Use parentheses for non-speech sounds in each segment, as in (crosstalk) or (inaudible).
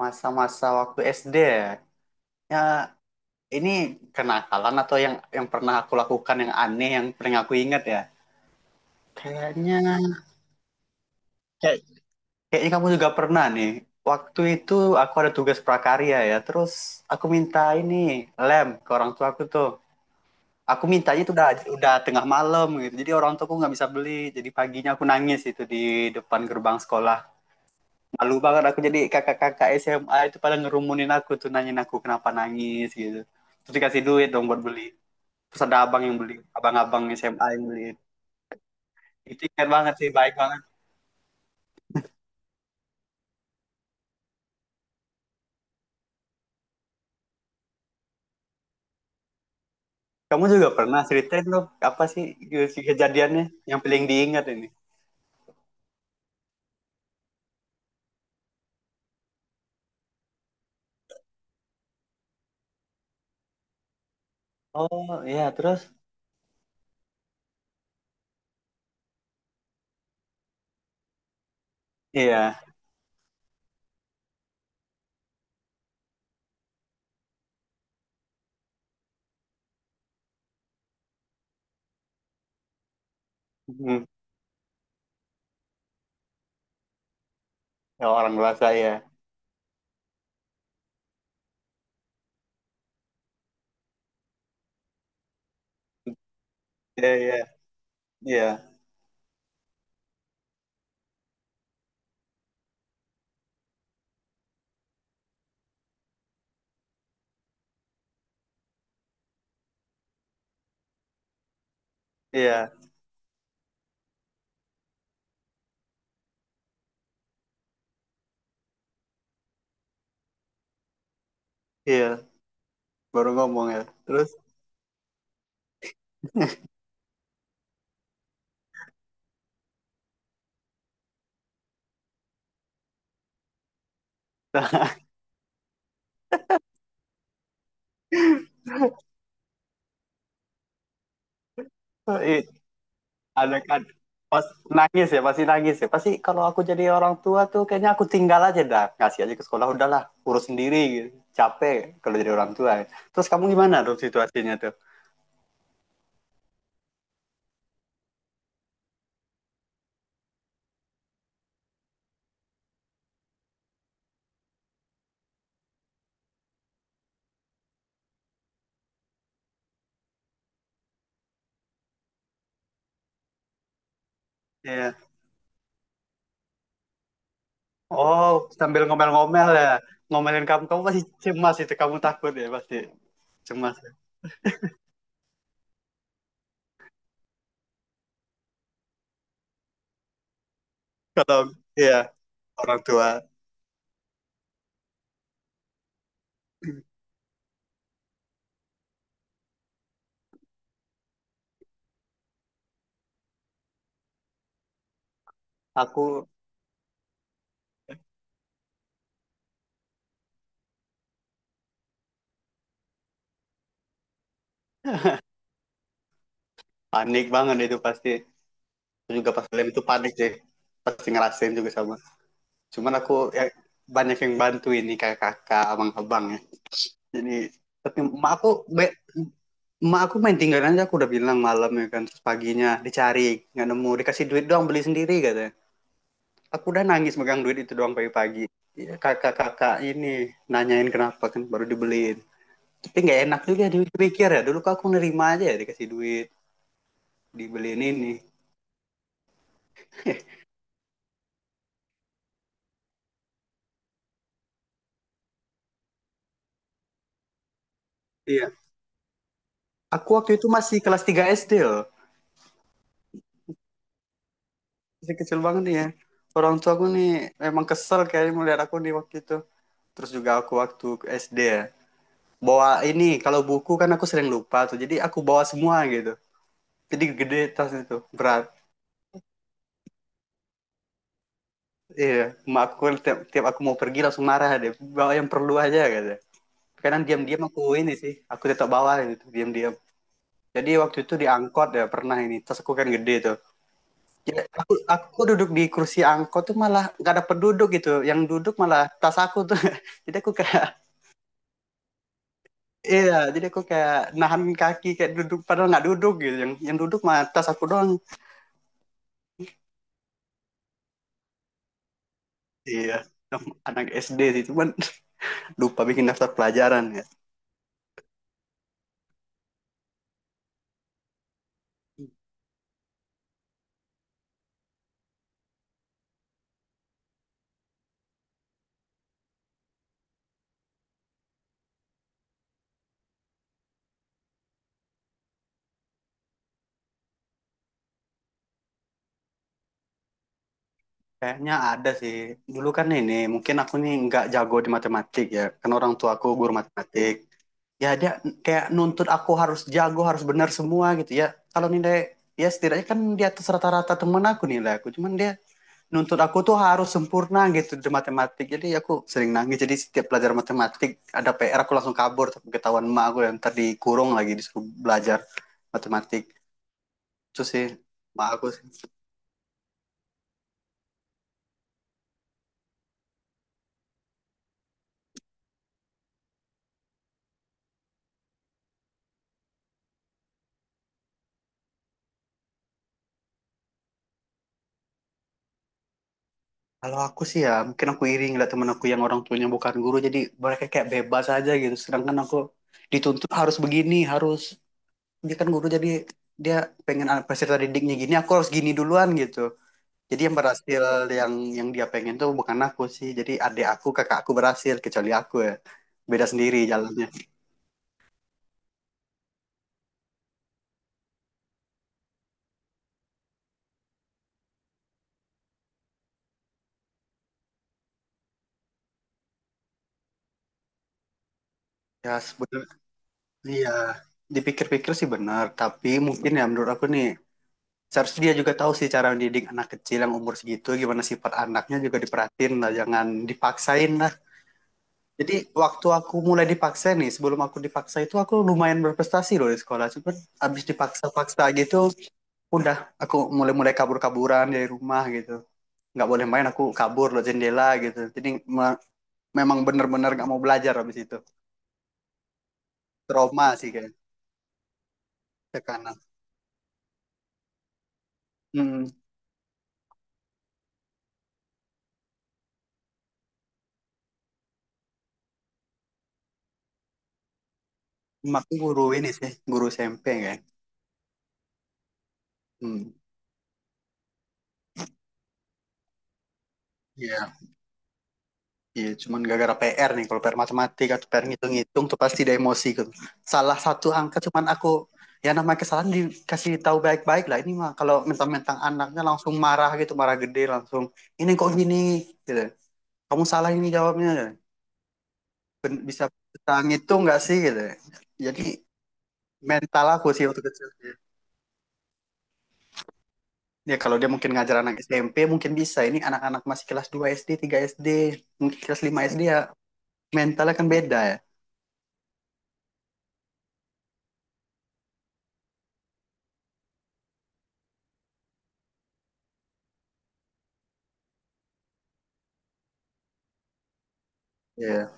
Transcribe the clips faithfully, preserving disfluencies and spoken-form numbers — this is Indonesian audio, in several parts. Masa-masa waktu S D ya. Ya, ini kenakalan atau yang yang pernah aku lakukan yang aneh yang pernah aku ingat ya. Kayaknya kayak kayaknya kamu juga pernah nih. Waktu itu aku ada tugas prakarya ya. Terus aku minta ini lem ke orang tua aku tuh. Aku mintanya itu udah udah tengah malam gitu. Jadi orang tuaku nggak bisa beli. Jadi paginya aku nangis itu di depan gerbang sekolah. Malu banget aku, jadi kakak-kakak S M A itu pada ngerumunin aku tuh, nanyain aku kenapa nangis gitu, terus dikasih duit dong buat beli, terus ada abang yang beli, abang-abang S M A yang beli. Itu ingat banget sih, baik banget. Kamu juga pernah ceritain loh, apa sih si kejadiannya yang paling diingat ini. Oh iya, terus. Iya. Hmm. Ya, orang dewasa ya. Iya, iya, iya, iya, iya, baru ngomong ya, terus (laughs) i- ada kan pas nangis, ya pasti nangis, ya pasti. Kalau aku jadi orang tua tuh kayaknya aku tinggal aja dah, kasih aja ke sekolah, udahlah urus sendiri gitu. Capek kalau jadi orang tua. Terus kamu gimana tuh situasinya tuh? Iya. Oh, sambil ngomel-ngomel ya, ngomelin kamu kamu pasti cemas itu, kamu takut ya pasti cemas, kalau iya orang tua aku. Panik banget itu pasti. Aku juga pas kalian itu panik sih, pasti ngerasain juga sama, cuman aku ya, banyak yang bantu ini kayak kakak abang-abang ya. Jadi tapi emak aku be- emak aku main tinggal aja, aku udah bilang malam ya kan, terus paginya dicari nggak nemu, dikasih duit doang, beli sendiri katanya. Aku udah nangis megang duit itu doang pagi-pagi. Ya, kakak-kakak ini nanyain kenapa, kan baru dibeliin. Tapi nggak enak juga dipikir ya, dulu kok aku nerima aja ya dikasih duit, dibeliin ini. (laughs) Iya. Aku waktu itu masih kelas tiga S D loh. Masih kecil banget nih ya. Orang tua aku nih memang kesel kayaknya melihat aku nih waktu itu. Terus juga aku waktu S D ya, bawa ini kalau buku kan aku sering lupa tuh, jadi aku bawa semua gitu, jadi gede tas itu, berat. Iya, emak aku kan tiap, tiap aku mau pergi langsung marah deh, bawa yang perlu aja gitu. Kadang diam-diam aku ini sih, aku tetap bawa gitu diam-diam. Jadi waktu itu di angkot ya, pernah ini tas aku kan gede tuh, jadi aku aku duduk di kursi angkot tuh malah gak ada penduduk gitu yang duduk, malah tas aku tuh. (laughs) Jadi aku kayak, iya, jadi aku kayak nahan kaki kayak duduk padahal nggak duduk gitu, yang yang duduk mah tas aku doang. Iya, anak S D sih, cuman (laughs) lupa bikin daftar pelajaran ya. Kayaknya ada sih. Dulu kan ini, mungkin aku nih nggak jago di matematik ya, karena orang tua aku guru matematik. Ya dia kayak nuntut aku harus jago, harus benar semua gitu ya. Kalau nilai, ya setidaknya kan di atas rata-rata temen aku nilai aku, cuman dia nuntut aku tuh harus sempurna gitu di matematik. Jadi aku sering nangis. Jadi setiap belajar matematik ada P R, aku langsung kabur, tapi ketahuan emak aku yang tadi, kurung lagi disuruh belajar matematik. Itu sih, sama aku sih. Kalau aku sih ya mungkin aku iri ngeliat temen aku yang orang tuanya bukan guru, jadi mereka kayak bebas aja gitu. Sedangkan aku dituntut harus begini, harus, dia kan guru, jadi dia pengen anak peserta didiknya gini, aku harus gini duluan gitu. Jadi yang berhasil, yang yang dia pengen tuh bukan aku sih. Jadi adik aku, kakak aku berhasil, kecuali aku ya. Beda sendiri jalannya. Ya sebenarnya iya, dipikir-pikir sih benar, tapi mungkin ya menurut aku nih, seharusnya dia juga tahu sih cara mendidik anak kecil yang umur segitu, gimana sifat anaknya juga diperhatiin lah, jangan dipaksain lah. Jadi waktu aku mulai dipaksa nih, sebelum aku dipaksa itu aku lumayan berprestasi loh di sekolah, cuman abis dipaksa-paksa gitu udah, aku mulai-mulai kabur-kaburan dari rumah gitu, nggak boleh main aku kabur loh jendela gitu, jadi me- memang bener-bener nggak mau belajar abis itu, trauma sih kayak tekanan. hmm, Emakku guru ini sih, guru S M P. Kayak hmm. Iya. Iya, cuman gara-gara P R nih. Kalau P R matematika atau P R ngitung-ngitung tuh pasti ada emosi gitu. Salah satu angka cuman, aku ya namanya kesalahan, dikasih tahu baik-baik lah. Ini mah kalau mentang-mentang anaknya langsung marah gitu, marah gede langsung. Ini kok gini gitu. Kamu salah ini jawabnya. Ben- Bisa bisa ngitung nggak sih gitu. Jadi mental aku sih waktu kecil. Ya kalau dia mungkin ngajar anak S M P mungkin bisa. Ini anak-anak masih kelas dua S D, tiga S D, mungkin kelas lima S D ya, mentalnya kan beda ya. Iya.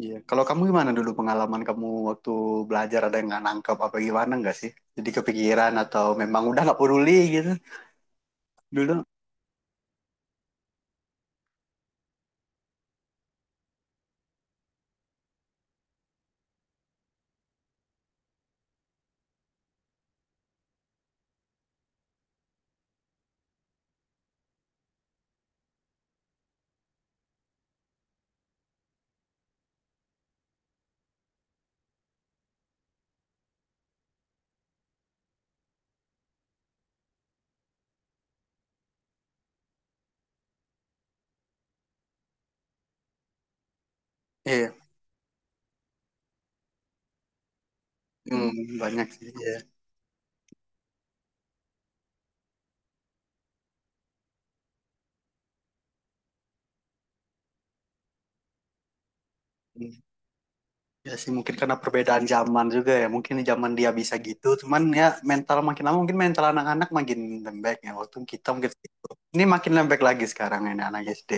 Iya, kalau kamu gimana dulu pengalaman kamu waktu belajar, ada yang nggak nangkep apa gimana nggak sih? Jadi kepikiran atau memang udah nggak peduli gitu dulu? Iya, hmm, hmm, banyak sih. Iya. Hmm. Ya sih mungkin karena perbedaan zaman juga ya. Mungkin di zaman dia bisa gitu, cuman ya mental makin lama mungkin, mental anak-anak makin lembek ya. Waktu kita mungkin gitu. Ini makin lembek lagi sekarang ini anak S D.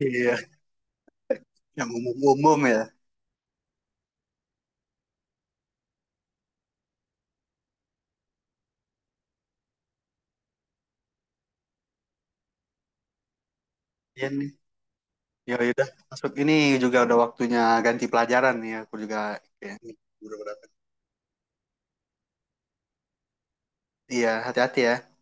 Iya, yang umum-umum ya. Iya nih. Ya udah, masuk ini juga udah waktunya ganti pelajaran nih. Aku juga kayak. Iya, hati-hati ya.